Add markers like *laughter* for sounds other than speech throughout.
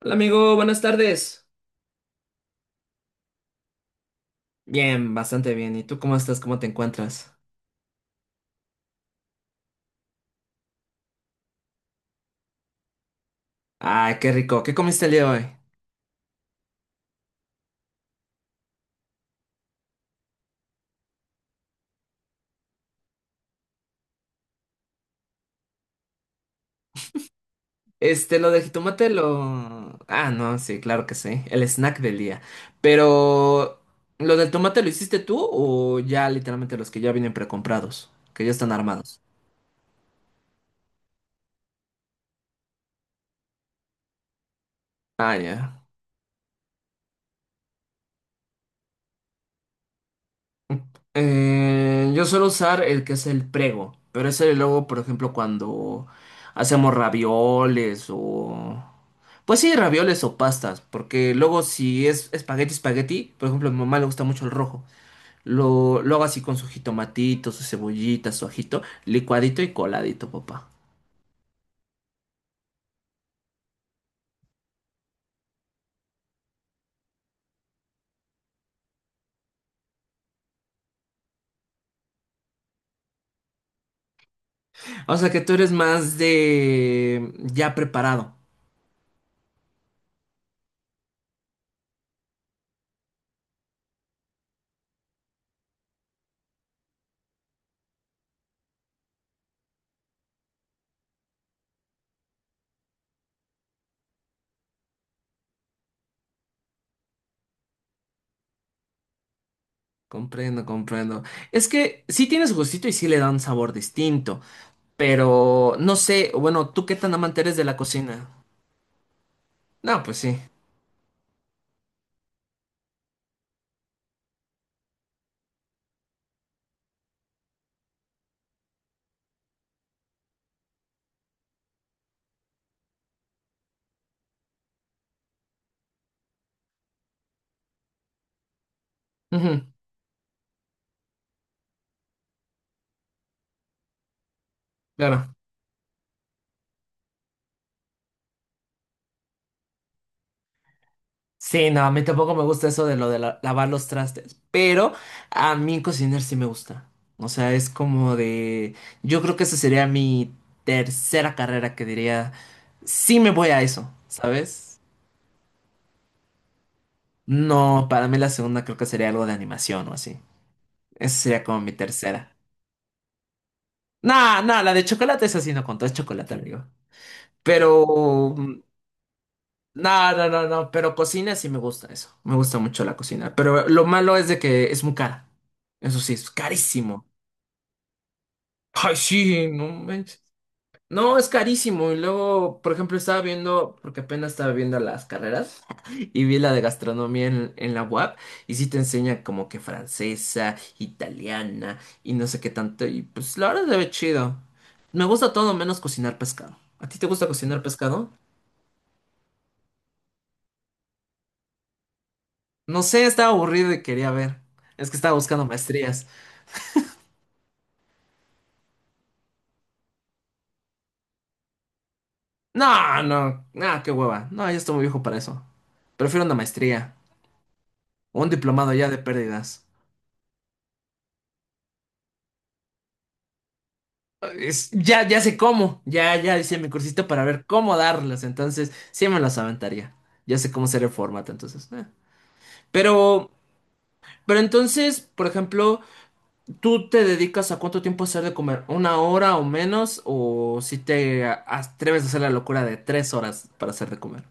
Hola amigo, buenas tardes. Bien, bastante bien. ¿Y tú cómo estás? ¿Cómo te encuentras? Ay, qué rico. ¿Qué comiste el día de hoy? Lo de jitomate, lo... Ah, no, sí, claro que sí. El snack del día. Pero, ¿lo del tomate lo hiciste tú o ya literalmente los que ya vienen precomprados? Que ya están armados. Ah, ya. Yo suelo usar el que es el prego, pero ese luego, por ejemplo, cuando hacemos ravioles o... Pues sí, ravioles o pastas, porque luego si es espagueti, espagueti, por ejemplo, a mi mamá le gusta mucho el rojo. Lo hago así con su jitomatito, su cebollita, su ajito, licuadito y coladito, papá. O sea que tú eres más de ya preparado. Comprendo, comprendo. Es que sí tiene su gustito y sí le da un sabor distinto. Pero no sé, bueno, ¿tú qué tan amante eres de la cocina? No, pues sí. Ujú, claro. Sí, no, a mí tampoco me gusta eso de lavar los trastes, pero a mí cocinar sí me gusta. O sea, es como de... Yo creo que esa sería mi tercera carrera que diría, sí me voy a eso, ¿sabes? No, para mí la segunda creo que sería algo de animación o así. Esa sería como mi tercera. No, no, la de chocolate es así, no contó, es chocolate, amigo. Pero... mm, No, no, no, no, pero cocina sí me gusta eso. Me gusta mucho la cocina. Pero lo malo es de que es muy cara. Eso sí, es carísimo. Ay, sí, no manches. No, es carísimo. Y luego, por ejemplo, estaba viendo, porque apenas estaba viendo las carreras, *laughs* y vi la de gastronomía en la UAP, y sí te enseña como que francesa, italiana, y no sé qué tanto. Y pues la verdad se ve chido. Me gusta todo menos cocinar pescado. ¿A ti te gusta cocinar pescado? No sé, estaba aburrido y quería ver. Es que estaba buscando maestrías. No, qué hueva. No, yo estoy muy viejo para eso. Prefiero una maestría o un diplomado ya de pérdidas. Ya, ya sé cómo. Ya, ya hice mi cursito para ver cómo darlas. Entonces, sí me las aventaría. Ya sé cómo hacer el formato, entonces. Pero, pero entonces, por ejemplo, ¿tú te dedicas a cuánto tiempo hacer de comer? ¿Una hora o menos? ¿O si atreves a hacer la locura de tres horas para hacer de comer?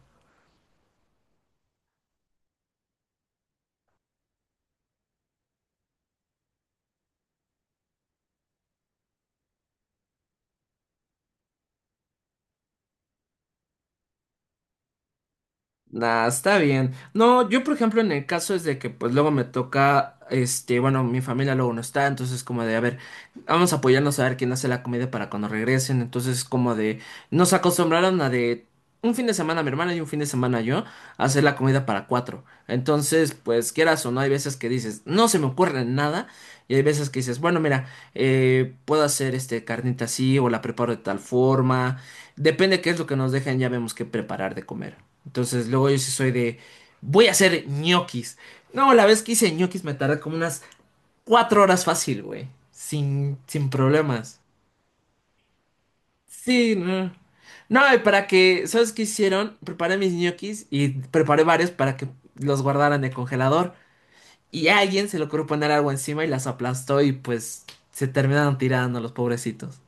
Nah, está bien. No, yo por ejemplo en el caso es de que pues luego me toca, bueno, mi familia luego no está, entonces como de, a ver, vamos a apoyarnos a ver quién hace la comida para cuando regresen, entonces como de, nos acostumbraron a de un fin de semana mi hermana y un fin de semana yo a hacer la comida para cuatro. Entonces, pues quieras o no, hay veces que dices, no se me ocurre nada, y hay veces que dices, bueno, mira, puedo hacer este carnita así o la preparo de tal forma. Depende qué es lo que nos dejan, ya vemos qué preparar de comer. Entonces, luego yo sí soy de, voy a hacer ñoquis. No, la vez que hice ñoquis me tardé como unas cuatro horas fácil, güey. Sin problemas. Sí, no. No, y para que, ¿sabes qué hicieron? Preparé mis ñoquis y preparé varios para que los guardaran en el congelador. Y a alguien se le ocurrió poner agua encima y las aplastó y pues se terminaron tirando los pobrecitos.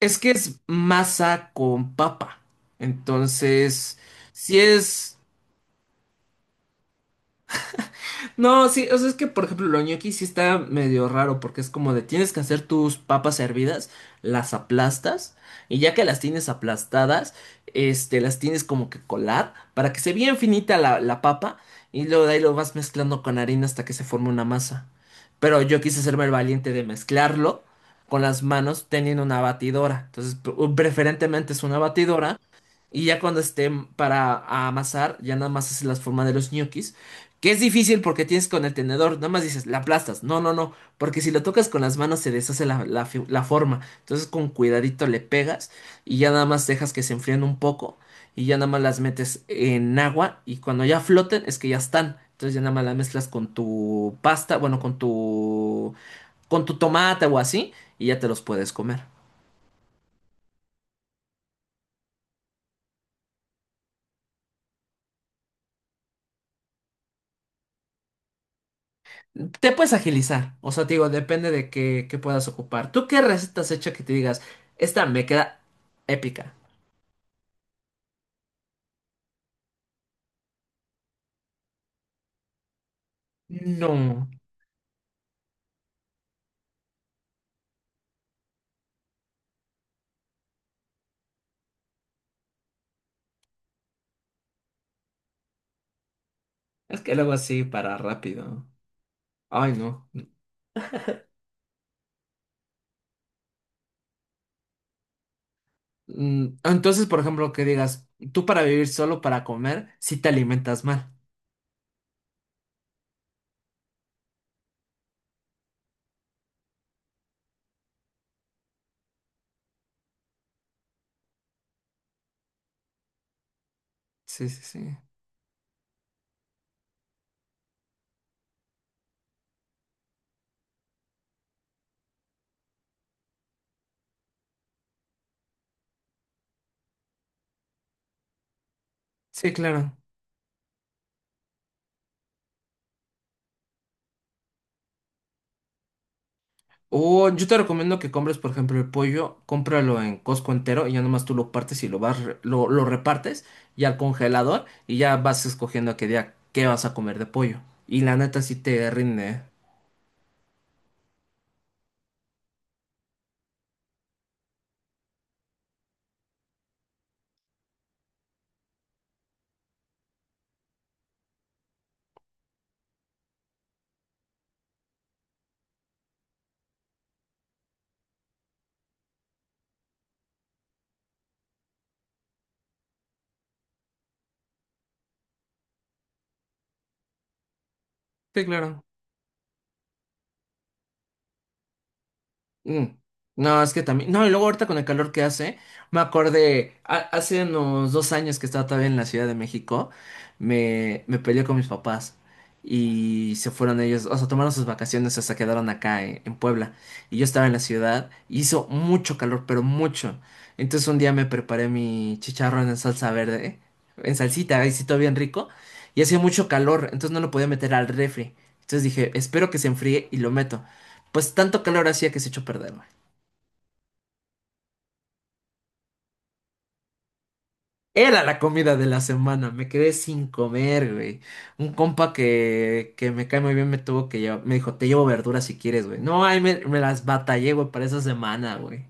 Es que es masa con papa. Entonces, si es. No, sí, o sea, es que por ejemplo lo ñoqui sí está medio raro porque es como de tienes que hacer tus papas hervidas, las aplastas y ya que las tienes aplastadas, las tienes como que colar para que se vea finita la papa y luego de ahí lo vas mezclando con harina hasta que se forme una masa. Pero yo quise hacerme el valiente de mezclarlo con las manos teniendo una batidora. Entonces, preferentemente es una batidora. Y ya cuando esté para amasar, ya nada más hace las formas de los ñoquis. Que es difícil porque tienes con el tenedor, nada más dices, la aplastas. No, no, no, porque si lo tocas con las manos se deshace la forma. Entonces con cuidadito le pegas y ya nada más dejas que se enfríen un poco y ya nada más las metes en agua y cuando ya floten es que ya están. Entonces ya nada más las mezclas con tu pasta, con tu tomate o así y ya te los puedes comer. Te puedes agilizar, o sea, te digo, depende de qué, qué puedas ocupar. ¿Tú qué recetas hecha que te digas, esta me queda épica? No, es que luego así para rápido. Ay, no. Entonces, por ejemplo, que digas, tú para vivir solo, para comer, si te alimentas mal. Sí, sí, sí. Sí, claro. O yo te recomiendo que compres, por ejemplo, el pollo, cómpralo en Costco entero y ya nomás tú lo partes y lo vas, lo repartes y al congelador y ya vas escogiendo a qué día qué vas a comer de pollo. Y la neta sí te rinde. ¿Eh? Sí, claro. Mm. No, es que también. No, y luego ahorita con el calor que hace, me acordé, hace unos dos años que estaba todavía en la Ciudad de México, me peleé con mis papás y se fueron ellos, o sea, tomaron sus vacaciones, o sea, quedaron acá en Puebla. Y yo estaba en la ciudad, y hizo mucho calor, pero mucho. Entonces un día me preparé mi chicharrón en salsa verde, en salsita, ahí sí todo bien rico, y hacía mucho calor, entonces no lo podía meter al refri. Entonces dije, espero que se enfríe y lo meto. Pues tanto calor hacía que se echó a perder, güey. Era la comida de la semana, me quedé sin comer, güey. Un compa que me cae muy bien me tuvo que llevar, me dijo, te llevo verduras si quieres, güey. No, ay, me las batallé, güey, para esa semana, güey.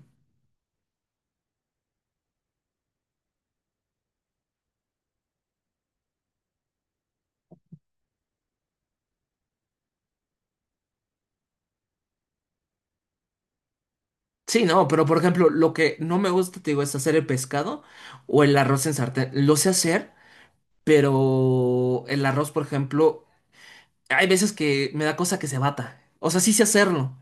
Sí, no, pero por ejemplo, lo que no me gusta, te digo, es hacer el pescado o el arroz en sartén. Lo sé hacer, pero el arroz, por ejemplo, hay veces que me da cosa que se bata. O sea, sí sé hacerlo.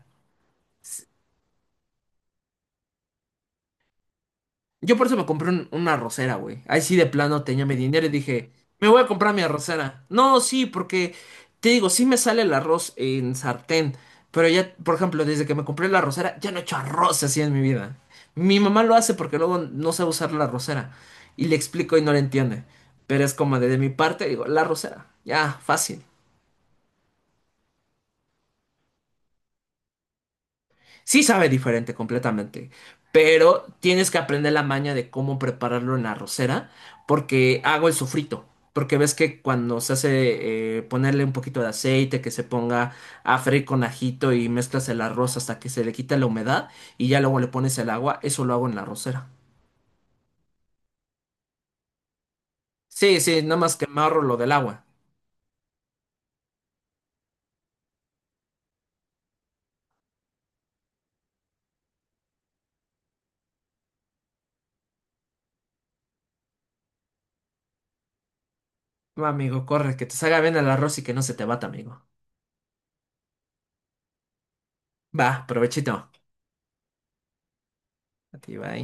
Yo por eso me compré una arrocera, güey. Ahí sí de plano tenía mi dinero y dije, me voy a comprar mi arrocera. No, sí, porque te digo, sí me sale el arroz en sartén, pero ya, por ejemplo, desde que me compré la arrocera, ya no he hecho arroz así en mi vida. Mi mamá lo hace porque luego no sabe usar la arrocera. Y le explico y no le entiende. Pero es como de mi parte, digo, la arrocera. Ya, fácil. Sí sabe diferente completamente, pero tienes que aprender la maña de cómo prepararlo en la arrocera, porque hago el sofrito, porque ves que cuando se hace ponerle un poquito de aceite, que se ponga a freír con ajito y mezclas el arroz hasta que se le quita la humedad y ya luego le pones el agua, eso lo hago en la arrocera. Sí, sí, nada más que me ahorro lo del agua. Va, amigo, corre, que te salga bien el arroz y que no se te bata, amigo. Va, provechito. A ti, bye.